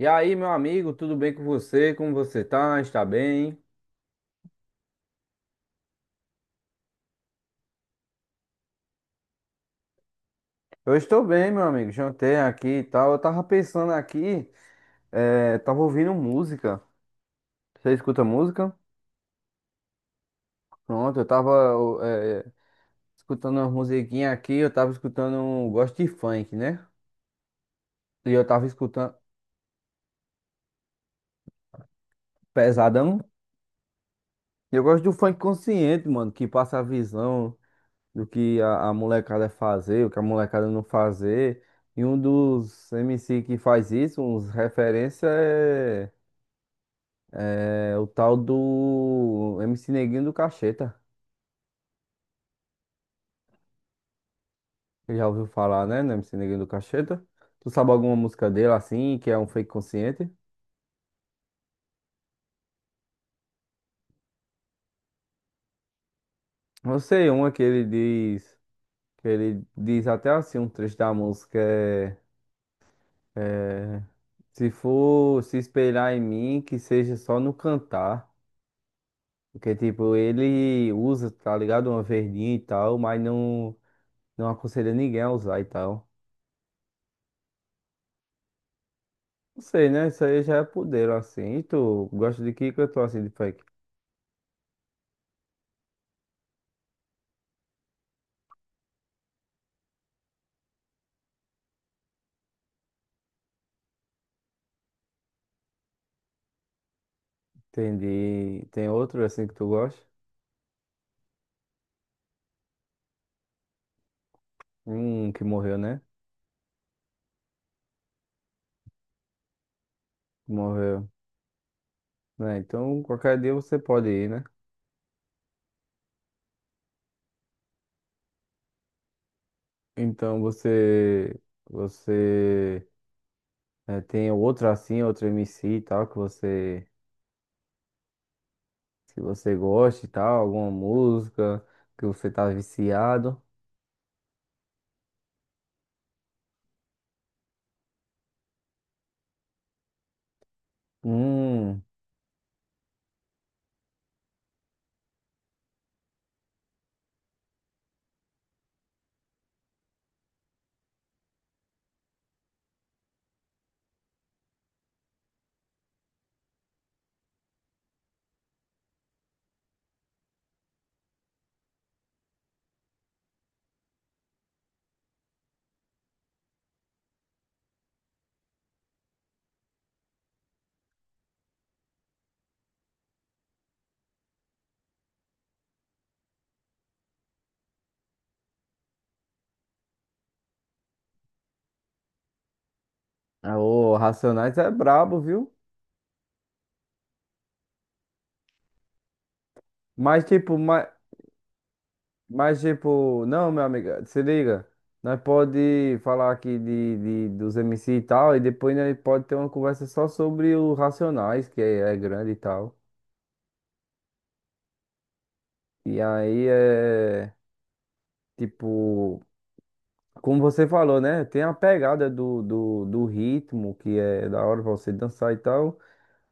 E aí, meu amigo, tudo bem com você? Como você tá? Está bem? Eu estou bem, meu amigo. Jantei aqui e tal. Eu tava pensando aqui, tava ouvindo música. Você escuta música? Pronto, eu tava eh, escutando uma musiquinha aqui. Eu tava escutando, gosto de funk, né? E eu tava escutando pesadão. E eu gosto do funk consciente, mano, que passa a visão do que a molecada fazer, o que a molecada não fazer. E um dos MC que faz isso, uns referência é. O tal do MC Neguinho do Cacheta. Você já ouviu falar, né? No MC Neguinho do Cacheta. Tu sabe alguma música dele assim, que é um fake consciente? Eu sei uma que ele diz. Que ele diz até assim, um trecho da música é: se for se espelhar em mim, que seja só no cantar. Porque, tipo, ele usa, tá ligado? Uma verdinha e tal, mas não, não aconselha ninguém a usar e tal. Não sei, né? Isso aí já é poder, assim. E tu gosta de que cantor assim de funk? Entendi. Tem outro assim que tu gosta? Um que morreu, né? Morreu. Né? Então, qualquer dia você pode ir, né? Então, você. Você. Tem outro assim, outro MC e tal, que você. Que você gosta e tal, alguma música que você tá viciado. Hum. Ah, o Racionais é brabo, viu? Mas, tipo, mas, Mas tipo, não, meu amigo, se liga. Nós pode falar aqui dos MC e tal, e depois nós pode ter uma conversa só sobre os Racionais, que é grande e tal. E aí é tipo, como você falou, né? Tem a pegada do ritmo, que é da hora pra você dançar e tal,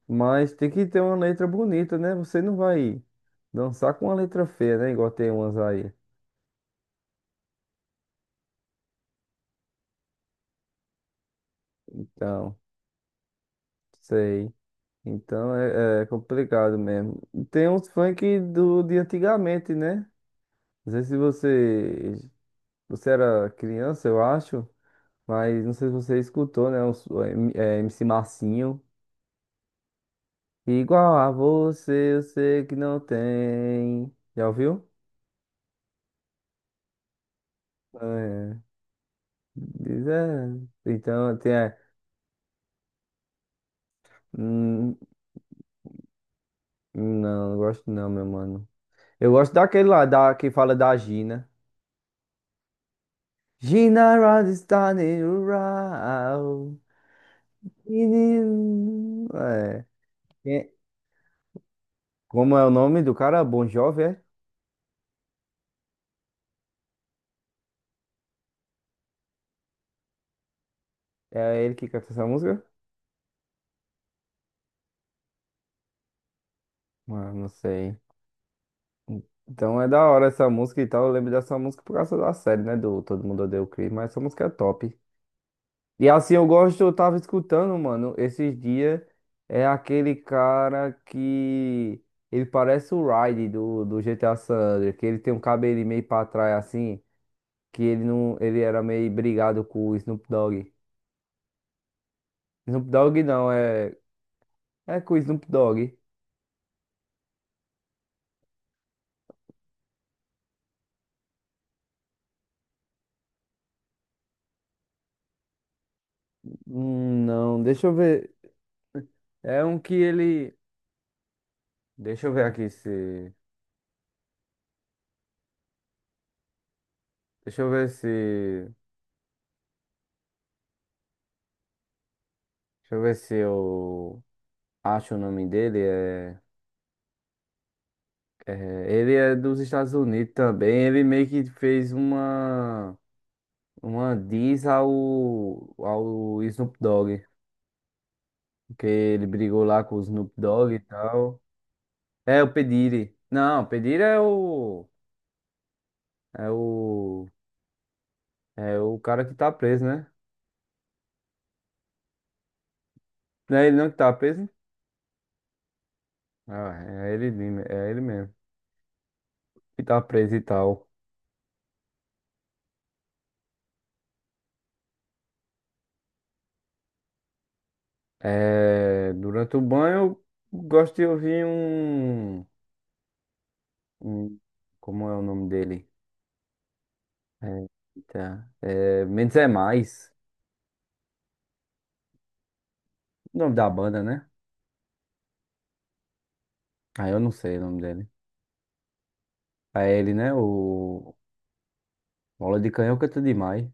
mas tem que ter uma letra bonita, né? Você não vai dançar com uma letra feia, né? Igual tem umas aí. Então, sei. Então é complicado mesmo. Tem uns funk do, de antigamente, né? Não sei se você, você era criança, eu acho, mas não sei se você escutou, né? Uns, MC Marcinho. Igual a você, eu sei que não tem. Já ouviu? É, diz, é. Então tem. É, hum, não, não gosto não, meu mano. Eu gosto daquele lá, da, que fala da Gina. Gina Rod está in Menino. É. Quem- Como é o nome do cara? Bon Jovi, é? É ele que canta essa música? Mano, não sei. Então é da hora essa música e tal. Eu lembro dessa música por causa da série, né? Do Todo Mundo Odeia o Chris, mas essa música é top. E assim, eu gosto, eu tava escutando, mano, esses dias. É aquele cara que. Ele parece o Raiden do GTA San Andreas, que ele tem um cabelinho meio pra trás assim, que ele não, ele era meio brigado com o Snoop Dogg. Snoop Dogg não, é. É com o Snoop Dogg? Não, deixa eu ver. É um que ele. Deixa eu ver aqui se. Deixa eu ver se. Deixa eu ver se eu acho o nome dele. Ele é dos Estados Unidos também. Ele meio que fez uma. Uma diss ao Snoop Dogg. Porque ele brigou lá com o Snoop Dogg e tal. É o P. Diddy. Não, o P. Diddy é o. É o. É o cara que tá preso, né? Não é ele não que tá preso? Ah, é ele, mesmo, é ele mesmo. Que tá preso e tal. É, durante o banho, eu gosto de ouvir um. Como é o nome dele? É, eita, Menos é Mais. O nome da banda, né? Ah, eu não sei o nome dele. É ele, né? O Bola de Canhão canta demais.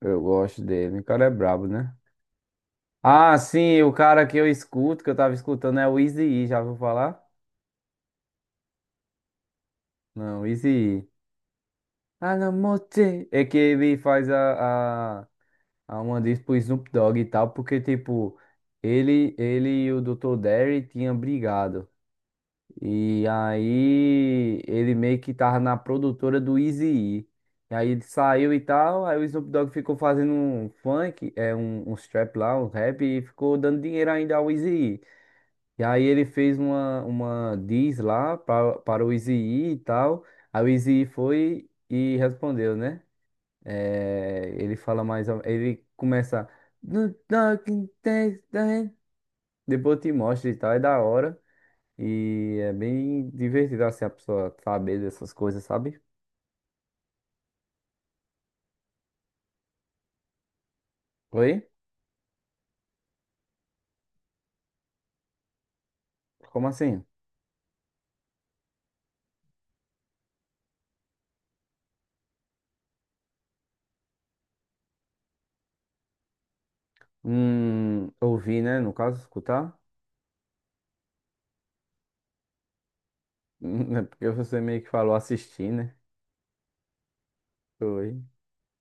Eu gosto dele. O cara é brabo, né? Ah, sim, o cara que eu escuto, que eu tava escutando, é o Eazy-E, já ouviu falar? Não, Eazy-E. Ah, não, mote. É que ele faz a uma diz pro Snoop Dogg e tal, porque, tipo, ele e o Dr. Dre tinham brigado. E aí ele meio que tava na produtora do Eazy-E. E aí ele saiu e tal, aí o Snoop Dogg ficou fazendo um funk, é um strap lá, um rap, e ficou dando dinheiro ainda ao Eazy-E. E aí ele fez uma diss lá para o Eazy-E e tal. Aí o Eazy-E foi e respondeu, né? É, ele fala mais. Ele começa. "No talking test, eh", depois te mostra e tal, é da hora. E é bem divertido assim a pessoa saber dessas coisas, sabe? Oi? Como assim? Ouvir, né? No caso, escutar? É porque você meio que falou assistir, né? Oi.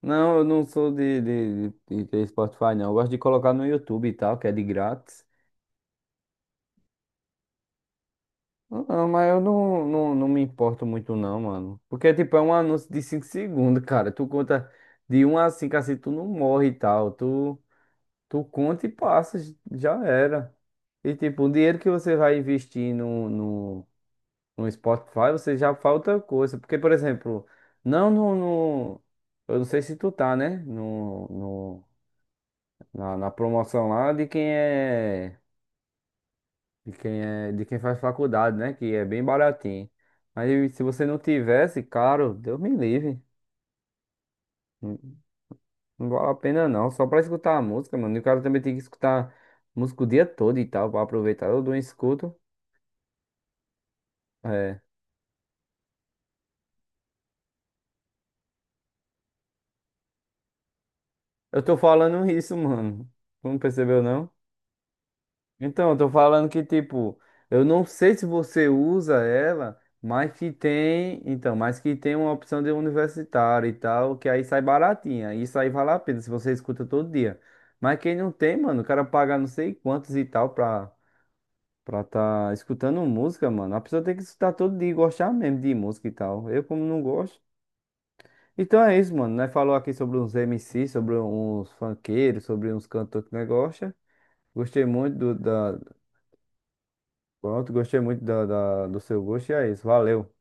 Não, eu não sou de ter Spotify, não. Eu gosto de colocar no YouTube e tal, que é de grátis. Não, não, mas eu não, não, não me importo muito não, mano. Porque, tipo, é um anúncio de 5 segundos, cara. Tu conta de um a 5 assim, tu não morre e tal. Tu, tu conta e passa, já era. E, tipo, o dinheiro que você vai investir no Spotify, você já falta coisa. Porque, por exemplo, não no, no... Eu não sei se tu tá, né? No, no, na, na promoção lá de quem é... De quem é, de quem faz faculdade, né? Que é bem baratinho. Mas se você não tivesse, caro, Deus me livre. Não não vale a pena não. Só pra escutar a música, mano. E o cara também tem que escutar música o dia todo e tal, pra aproveitar. Eu dou um escuto. É. Eu tô falando isso, mano. Não percebeu, não? Então, eu tô falando que, tipo, eu não sei se você usa ela, mas que tem, então, mas que tem uma opção de universitário e tal, que aí sai baratinha. Isso aí vale a pena se você escuta todo dia. Mas quem não tem, mano, o cara paga não sei quantos e tal pra, pra tá escutando música, mano. A pessoa tem que escutar todo dia e gostar mesmo de música e tal. Eu, como não gosto. Então é isso, mano. Nós falou aqui sobre uns MC, sobre uns funkeiros, sobre uns cantores que nós gosta. Gostei muito do, da, Pronto, gostei muito do seu gosto e é isso. Valeu.